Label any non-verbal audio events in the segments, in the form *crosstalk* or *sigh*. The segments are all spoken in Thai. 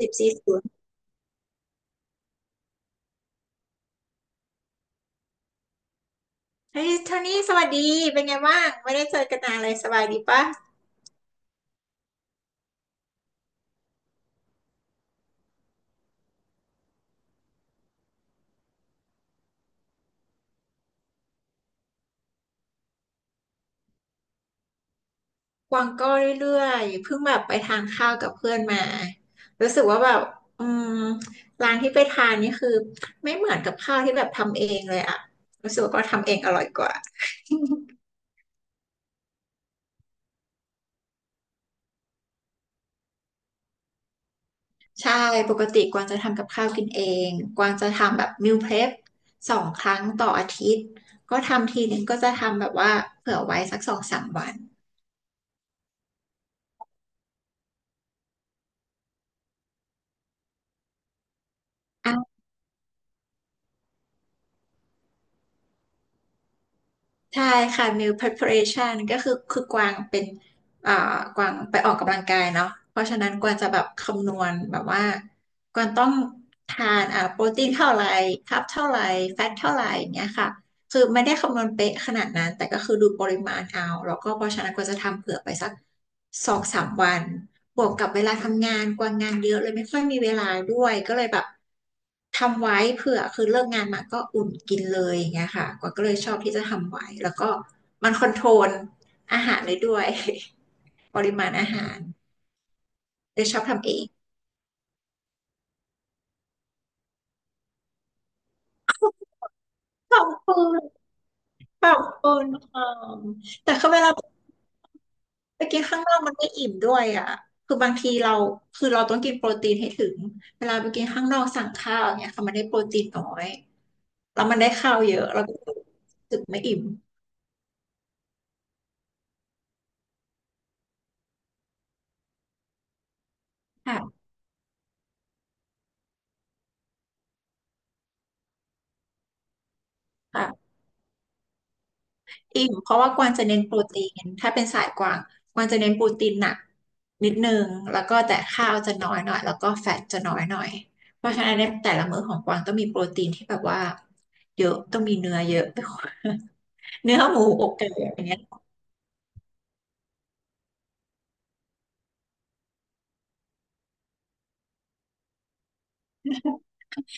สิบสี่ศูนย์เฮ้ยโทนี่สวัสดี เป็นไงบ้างไม่ได้เจอกันนานเลยสบายดีปะกวางก็เรื่อยๆเพิ่งแบบไปทานข้าวกับเพื่อนมารู้สึกว่าแบบอืมร้านที่ไปทานนี่คือไม่เหมือนกับข้าวที่แบบทำเองเลยอะรู้สึกว่าก็ทำเองอร่อยกว่า *laughs* ใช่ ปกติกวางจะทำกับข้าวกินเองกวางจะทำแบบมิลเพลฟ2 ครั้งต่ออาทิตย์ก็ทำทีนึงก็จะทำแบบว่าเผื่อไว้สักสองสามวัน ใช่ค่ะ meal preparation ก็คือกวางเป็นอ่ากวางไปออกกำลังกายเนาะเพราะฉะนั้นกวางจะแบบคำนวณแบบว่ากวางต้องทานโปรตีนเท่าไหร่คาร์บเท่าไหร่แฟตเท่าไหร่อย่างเงี้ยค่ะ คือไม่ได้คำนวณเป๊ะขนาดนั้นแต่ก็คือดูปริมาณเอาแล้วก็เพราะฉะนั้นก็จะทำเผื่อไปสักสองสามวันบวกกับเวลาทำงานกว่างานเยอะเลยไม่ค่อยมีเวลาด้วยก็เลยแบบทำไว้เผื่อคือเลิกงานมาก็อุ่นกินเลยอย่างเงี้ยค่ะกวางก็เลยชอบที่จะทำไว้แล้วก็มันคอนโทรลอาหารเลยด้วย *laughs* ปริมาณอาหารเลยชอบทำเองขอบคุณขอบคุณค่ะแต่คือเวลา ไปกินข้างนอกมันไม่อิ่มด้วยอ่ะคือบางทีเราคือเราต้องกินโปรตีนให้ถึง เวลาไปกินข้างนอกสั่งข้าวอย่างเนี่ยค่ะมันได้โปรตีนน้อย แล้วมันได้ข้าวเยอะเราก็รู้สึกไม่อิ่มค่ะค่ะอิ่มเพราะว่ากวางจะเน้นโปรตีนถ้าเป็นสายกวางกวางจะเน้นโปรตีนหนักนิดนึงแล้วก็แต่ข้าวจะน้อยหน่อยแล้วก็แฟตจะน้อยหน่อยเพราะฉะนั้นในแต่ละมื้อของกวางต้องมีโปรตีนที่แบบว่าเยอะต้องมีเนื้อเยอะ *laughs* เนื้อหมูอกไก่อย่างเงี้ย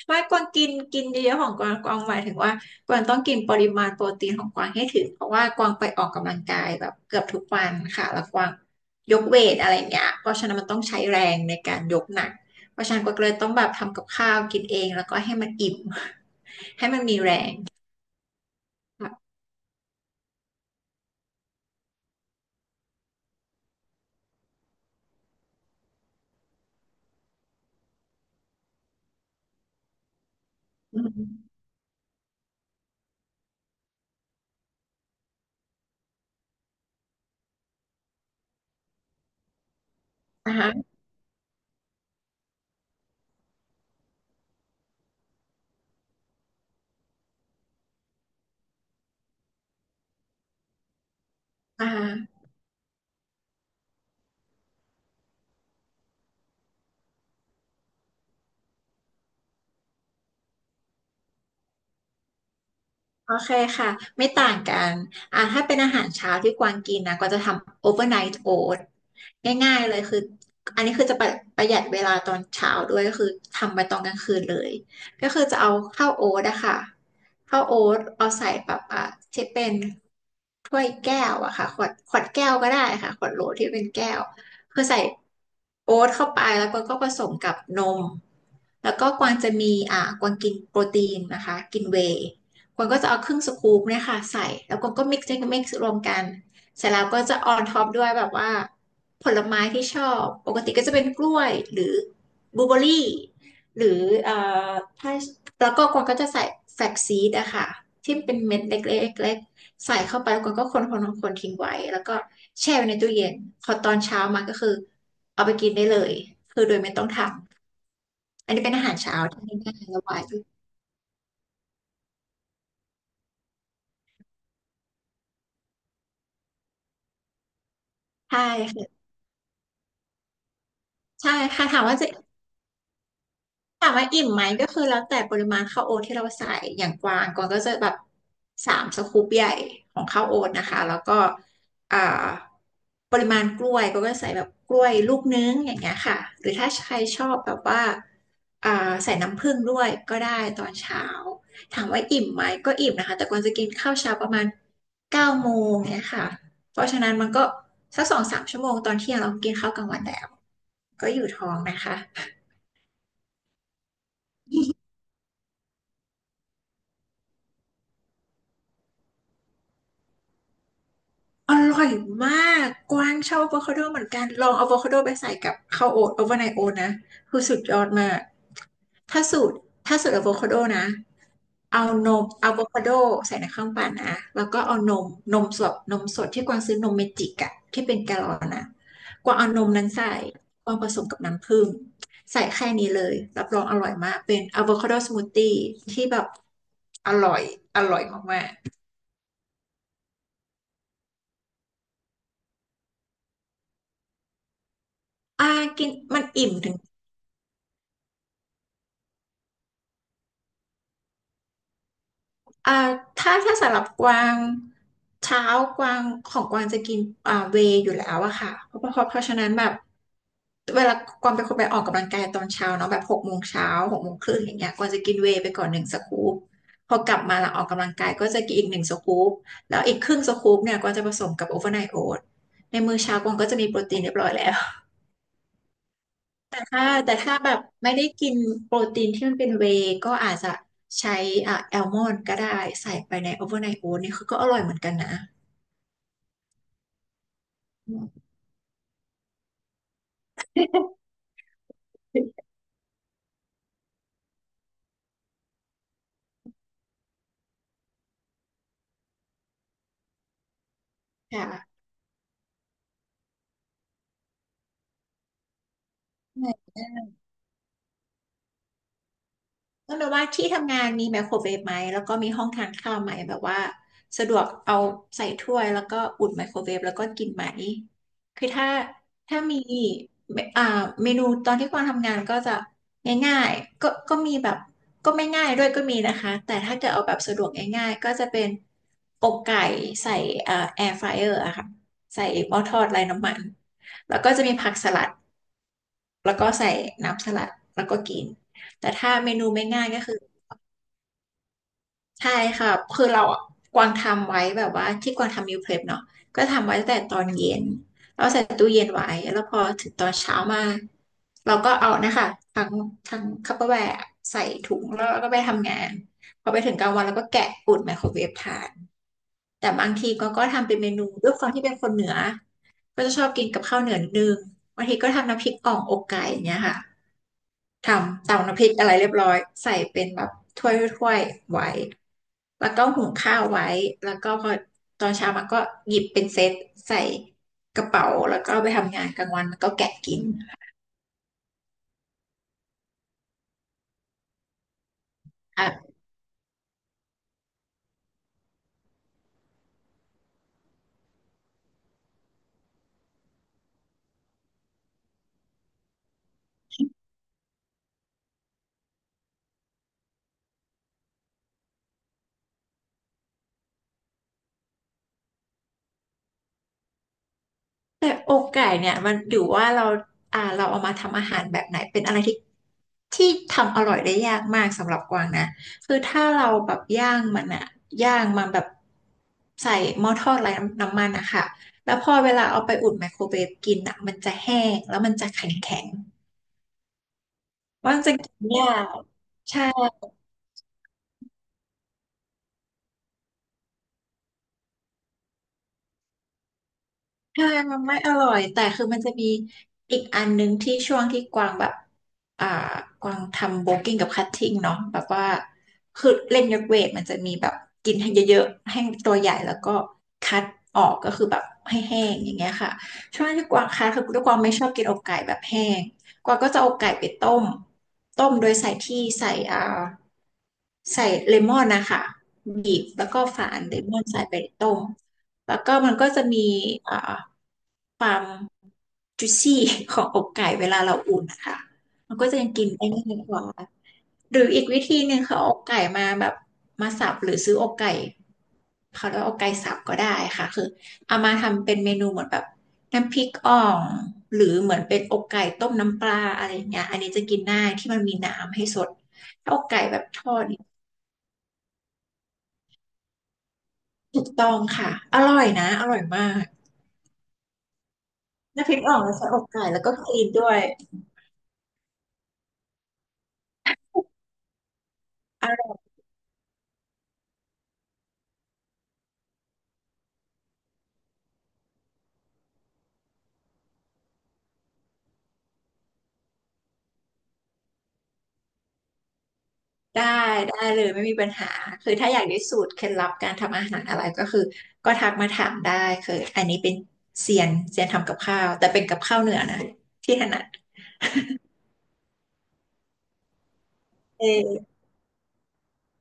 ไม่กวางกินกินเยอะๆของกวางกวางหมายถึงว่ากวางต้องกินปริมาณโปรตีนของกวางให้ถึงเพราะว่ากวางไปออกกำลังกายแบบเกือบทุกวันค่ะแล้วกวางยกเวทอะไรอย่างเงี้ยเพราะฉะนั้นมันต้องใช้แรงในการยกหนักเพราะฉะนั้นกวางเลยต้องแบบทำกับข้าวกินเองแล้วก็ให้มันอิ่ม *laughs* ให้มันมีแรงค่ะอืมนะคะอ่า โอเคค่ะไม่ต่างกันถ้าเป็นอาหารเช้าที่กวางกินนะก็จะทำ overnight oat ง่ายๆเลยคืออันนี้คือจะประหยัดเวลาตอนเช้าด้วยก็คือทำไปตอนกลางคืนเลยก็คือจะเอาข้าวโอ๊ตอะค่ะข้าวโอ๊ตเอาใส่แบบอ่ะที่เป็นถ้วยแก้วอะค่ะขวดแก้วก็ได้ค่ะขวดโหลที่เป็นแก้วคือใส่โอ๊ตเข้าไปแล้วก็ผสมกับนมแล้วก็กวางจะมีกวางกินโปรตีนนะคะกินเวย์ คนก็จะเอาครึ่งสกู๊ปเนี่ยค่ะใส่แล้วคนก็มิกซ์รวมกันเสร็จแล้วก็จะออนท็อปด้วยแบบว่าผลไม้ที่ชอบปกติก็จะเป็นกล้วยหรือบลูเบอรรี่หรือเอ่อถ้าแล้วก็คนก็จะใส่แฟลกซีดอะค่ะที่เป็นเม็ดเล็กๆใส่เข้าไปแล้วคนก็คนๆนคนคนทิ้งไว้แล้วก็แช่ไว้ในตู้เย็นพอตอนเช้ามาก็คือเอาไปกินได้เลยคือโดยไม่ต้องทำอันนี้เป็นอาหารเช้าที่ง่ายๆและไวใช่ค่ะใช่ค่ะถามว่าจะ ถามว่าอิ่มไหมก็คือแล้วแต่ปริมาณข้าวโอ๊ตที่เราใส่อย่างกวางกวางก็จะแบบ3 สกู๊ปใหญ่ของข้าวโอ๊ตนะคะแล้วก็อ่าปริมาณกล้วยก็ใส่แบบกล้วยลูกนึงอย่างเงี้ยค่ะหรือถ้าใครชอบแบบว่าอ่าใส่น้ำผึ้งด้วยก็ได้ตอนเช้าถามว่าอิ่มไหมก็อิ่มนะคะแต่กวางจะกินข้าวเช้าประมาณ9 โมงเนี้ยค่ะเพราะฉะนั้นมันก็สักสองสามชั่วโมงตอนเที่ยงเรากินข้าวกลางวันแล้วก็อยู่ท้องนะคะ อร่อยมาก กวางชอบอะโวคาโดเหมือนกัน ลองอะโวคาโดไปใส่กับข้าวโอ๊ตโอเวอร์ไนท์โอ๊ตนะคือสุดยอดมากถ้าสูตรถ้าสูตรอะโวคาโดนะเอานมอะโวคาโดใส่ในเครื่องปั่นนะ แล้วก็เอานมนมสดที่กวางซื้อนมเมจิกอะที่เป็นแกลลอนนะ กวางเอานมนั้นใส่กวางผสมกับน้ำผึ้งใส่แค่นี้เลย รับรองอร่อยมากเป็นอะโวคาโดสมูทตี้ที่แบบอร่อยอร่อยมากๆกินมันอิ่มถึง อ่าถ้าสำหรับกวางเช้ากวางของกวางจะกินเวย์อยู่แล้วอะค่ะเพราะฉะนั้นแบบเวลากวางเป็นคนไปออกกำลังกายตอนเช้าเนาะแบบ6 โมงเช้า6 โมงครึ่งอย่างเงี้ยกวางจะกินเวย์ไปก่อนหนึ่งสกู๊ปพอกลับมาหลังออกกำลังกายก็จะกินอีกหนึ่งสกู๊ปแล้วอีกครึ่งสกู๊ปเนี่ยกวางจะผสมกับโอเวอร์ไนท์โอ๊ในมื้อเช้ากวางก็จะมีโปรตีนเรียบร้อยแล้ว ค่ะแต่ถ้าแบบไม่ได้กินโปรตีนที่มันเป็นเวย์ก็อาจจะใช้อ่ะแอลมอนด์ก็ได้ใส่ไปในโอเวอร์ไนท์โอ๊ตเนี่ยคือก็อร่อยเหมือนกันนะอืมค่ะ ก็แบบว่าที่ทำงานมีไมโครเวฟไหมแล้วก็มีห้องทานข้าวไหมแบบว่าสะดวกเอาใส่ถ้วยแล้วก็อุ่นไมโครเวฟแล้วก็กินไหมคือถ้ามีอ่าเมนูตอนที่กวางทำงานก็จะง่ายๆก็มีแบบก็ไม่ง่ายด้วยก็มีนะคะแต่ถ้าเกิดเอาแบบสะดวกง่ายๆก็จะเป็นอกไก่ใส่แอร์ฟรายเออร์อะค่ะใส่หม้อทอดไร้น้ำมันแล้วก็จะมีผักสลัดแล้วก็ใส่น้ำสลัดแล้วก็กินแต่ถ้าเมนูไม่ง่ายก็คือ ใช่ค่ะคือเราอะกวางทำไว้แบบว่าที่กวางทำมิลเพลปเนาะก็ทำไว้ตั้งแต่ตอนเย็นแล้วใส่ตู้เย็นไว้ แล้วพอถึงตอนเช้ามาเราก็เอานะคะทั้งทั้งคัพเปอร์แวร์ใส่ถุงแล้วเราก็ไปทำงาน พอไปถึงกลางวันเราก็แกะอุ่นไมโครเวฟทาน แต่บางทีก็ทำเป็นเมนูด้วยความที่เป็นคนเหนือก็จะชอบกินกับข้าวเหนือนิดนึงบางทีก็ทำน้ำพริกอ่องอกไก่อย่างเงี้ยค่ะ ทำตำน้ำพริกอะไรเรียบร้อยใส่เป็นแบบถ้วยถ้วยไว้แล้วก็หุงข้าวไว้แล้วก็พอตอนเช้ามันก็หยิบเป็นเซตใส่กระเป๋าแล้วก็ไปทำงานกลางวันมันก็แกะกินค่ะแต่อกไก่เนี่ยมันอยู่ว่าเราเราเอามาทำอาหารแบบไหนเป็นอะไรที่ ที่ทำอร่อยได้ยากมากสำหรับกวางนะคือถ้าเราแบบย่างมันแบบใส่หม้อทอดไร้น้ำมันอะค่ะแล้วพอเวลาเอาไปอุ่นไมโครเวฟกินอะมันจะแห้งแล้วมันจะแข็งแข็งว่างจะกินยากใช่ ใช่มันไม่อร่อยแต่คือมันจะมีอีกอันนึงที่ช่วงที่กวางแบบอ่ากวางทำโบกิ้งกับคัตติ้งเนาะแบบว่าคือเล่นยกเวทมันจะมีแบบกินให้เยอะๆให้ตัวใหญ่แล้วก็คัดออกก็คือแบบให้แห้งอย่างเงี้ยค่ะช่วงที่กวางคัดคือด้วยความไม่ชอบกินอกไก่แบบแห้งกวางก็จะเอาไก่ไปต้มต้มโดยใส่ที่ใส่อ่าใส่เลมอนนะคะบีบแล้วก็ฝานเลมอนใส่ไปต้มแล้วก็มันก็จะมีอ่า ความจุซี่ของอกไก่เวลาเราอุ่นนะคะมันก็จะยังกินได้ง่ายกว่าหรืออีกวิธีหนึ่งคือเอาอกไก่มาแบบมาสับหรือซื้ออกไก่เขาเรียกว่าอกไก่สับก็ได้ค่ะคือเอามาทำเป็นเมนูเหมือนแบบน้ำพริกอ่องหรือเหมือนเป็นอกไก่ต้มน้ำปลาอะไรอย่างเงี้ยอันนี้จะกินง่ายที่มันมีน้ำให้สดถ้าอกไก่แบบทอดนี่ถูกต้องค่ะอร่อยนะอร่อยมากน้ำพริกอ่องแล้วใช้อกไก่แล้วก็คลีนด้วย ได้ได้เลยไม่มีปัญหาคือถ้าอยากได้สูตรเคล็ดลับการทำอาหารอะไรก็คือก็ทักมาถามได้คืออันนี้เป็นเซียนเซียนทำกับข้าวแต่เป็นกับข้าวเหนือนะที่ถนัดเออ